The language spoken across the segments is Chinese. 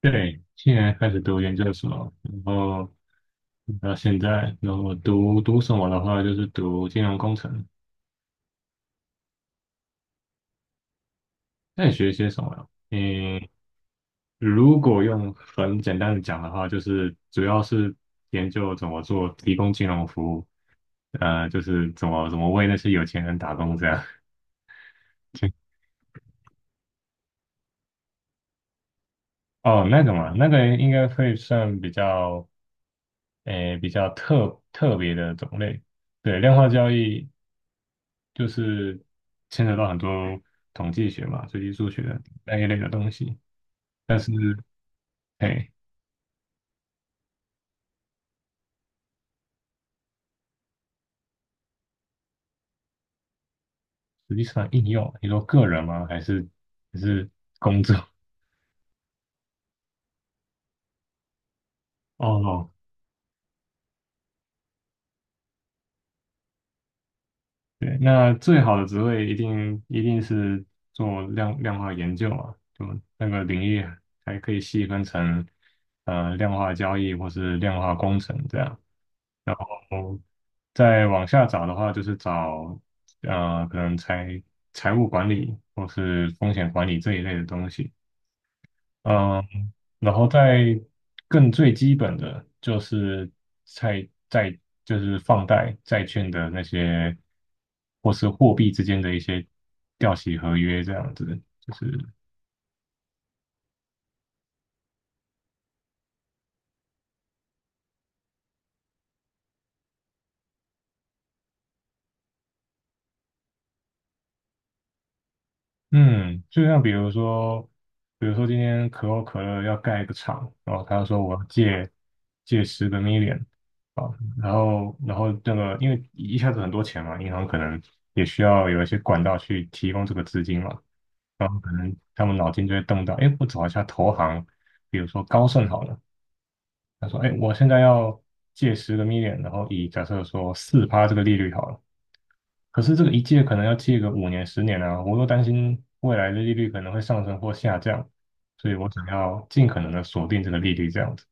对，现年开始读研究所，然后到现在，然后我读什么的话，就是读金融工程。那你学些什么呀？嗯，如果用很简单的讲的话，就是主要是研究怎么做提供金融服务，就是怎么为那些有钱人打工这样。哦，那个嘛，那个应该会算比较特别的种类。对，量化交易，就是牵扯到很多统计学嘛、随机数学那一类的东西。但是，哎，实际上应用，你说个人吗？还是工作？哦，对，那最好的职位一定是做量化研究嘛，就那个领域还可以细分成量化交易或是量化工程这样。然后再往下找的话，就是找可能财务管理或是风险管理这一类的东西。嗯，然后再更最基本的就是债债就是放贷债券的那些，或是货币之间的一些掉期合约这样子，就是嗯，就像比如说，比如说今天可口可乐要盖一个厂，然后他说我要借十个 million,啊，然后这个因为一下子很多钱嘛，银行可能也需要有一些管道去提供这个资金嘛，可能他们脑筋就会动到，哎，我找一下投行，比如说高盛好了，他说，哎，我现在要借十个 million,然后以假设说4%这个利率好了，可是这个一借可能要借个5年10年啊，我又担心未来的利率可能会上升或下降，所以我想要尽可能的锁定这个利率这样子。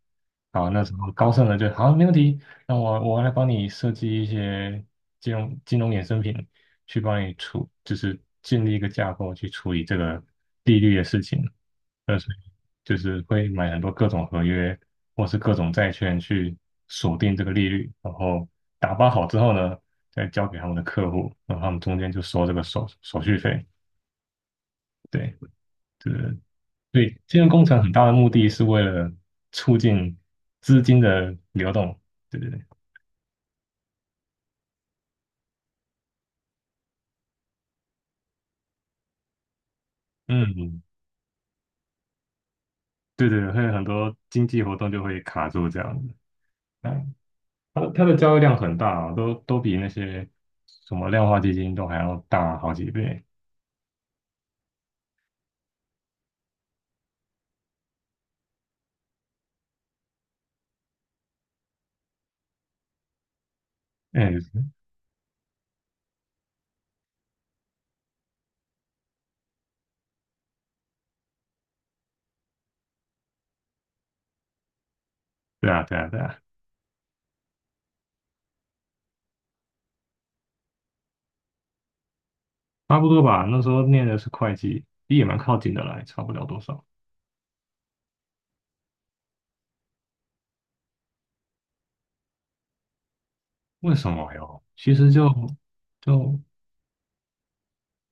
然后那时候高盛呢就好，没问题，那我来帮你设计一些金融衍生品，去帮你处，就是建立一个架构去处理这个利率的事情。所以就是会买很多各种合约或是各种债券去锁定这个利率，然后打包好之后呢，再交给他们的客户，然后他们中间就收这个手续费。对，对，对，以金融工程很大的目的是为了促进资金的流动。对对对，嗯，对对，会有很多经济活动就会卡住这样子。嗯，它的交易量很大啊，都比那些什么量化基金都还要大好几倍。哎，对啊，对啊，对啊，差不多吧。那时候念的是会计，也蛮靠近的啦，也差不了多少。为什么哟？其实就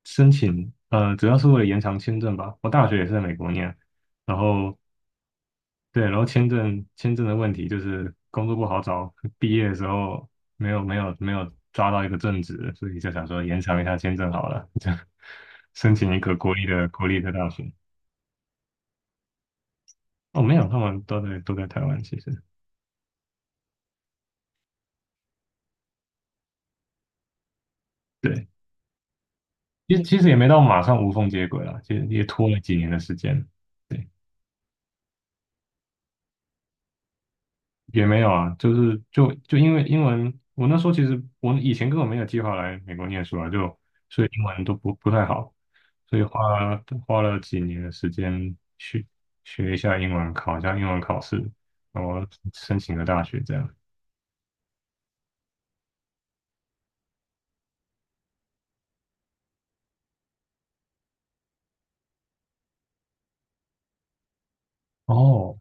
申请，主要是为了延长签证吧。我大学也是在美国念，然后对，然后签证的问题就是工作不好找，毕业的时候没有抓到一个正职，所以就想说延长一下签证好了，这申请一个国立的大学。哦，没有，他们都在台湾，其实对，其实也没到马上无缝接轨了，其实也拖了几年的时间。对。也没有啊，就是因为英文，我那时候其实我以前根本没有计划来美国念书啊，就所以英文都不太好，所以花了几年的时间去学一下英文，考一下英文考试，然后申请个大学这样。哦，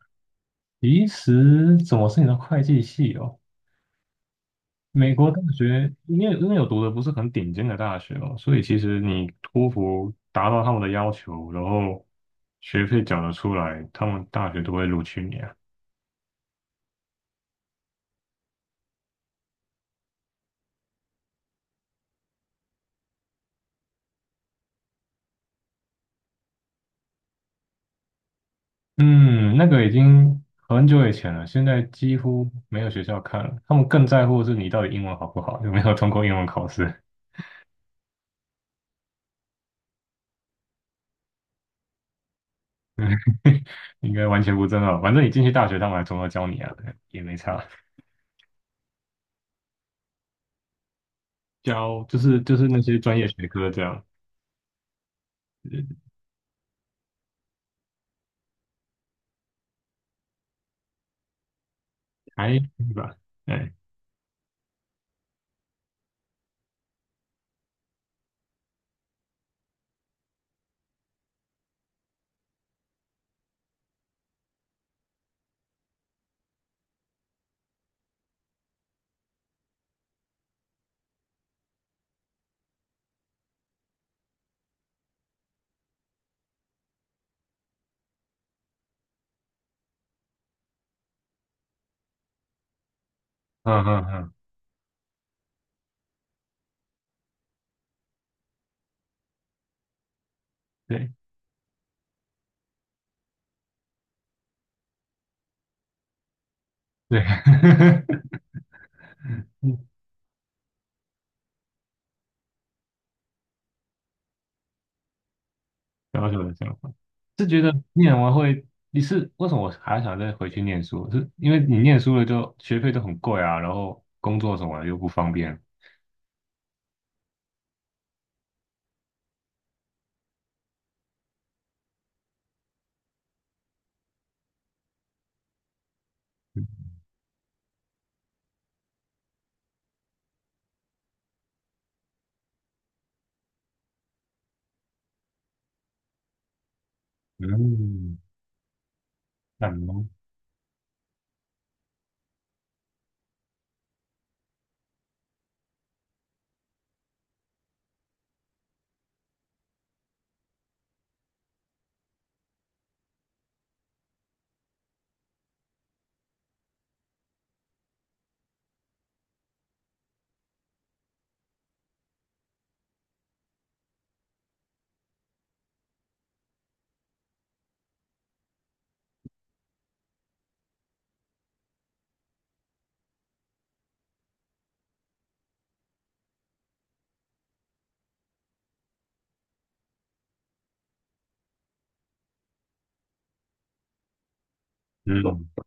其实怎么是你的会计系哦？美国大学，因为有读的不是很顶尖的大学哦，所以其实你托福达到他们的要求，然后学费缴得出来，他们大学都会录取你啊。嗯，那个已经很久以前了，现在几乎没有学校看了，他们更在乎的是你到底英文好不好，有没有通过英文考试，应该完全不重要。反正你进去大学，他们还从头教你啊，对也没差，教就是那些专业学科这样，呃还可以吧，哎，嗯嗯嗯。对。对，小小的想法，是觉得念完会，你是为什么我还想再回去念书？是因为你念书了就学费都很贵啊，然后工作什么的又不方便。嗯，感冒，嗯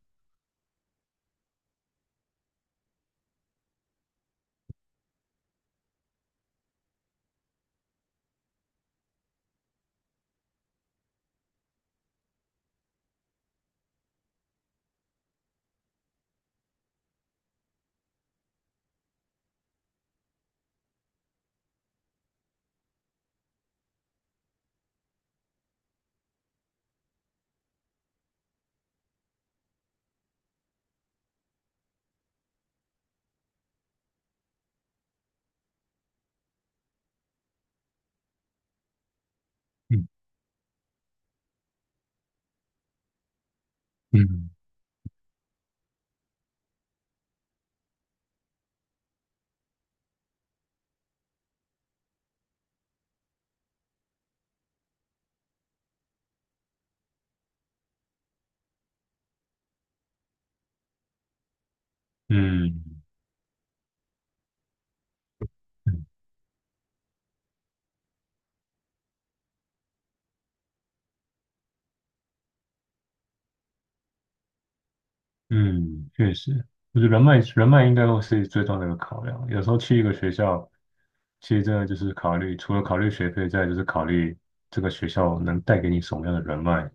嗯嗯嗯嗯嗯，确实，就是人脉，人脉应该会是最重要的一个考量。有时候去一个学校，其实真的就是考虑，除了考虑学费，再来就是考虑这个学校能带给你什么样的人脉。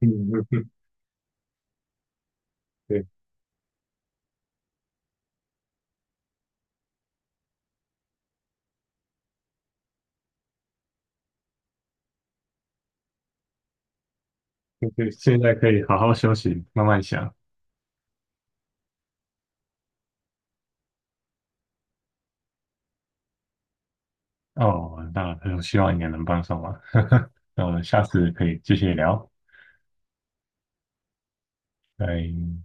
嗯，嗯嗯对，现在可以好好休息，慢慢想。哦，那希望你也能帮上忙。那我们下次可以继续聊，拜。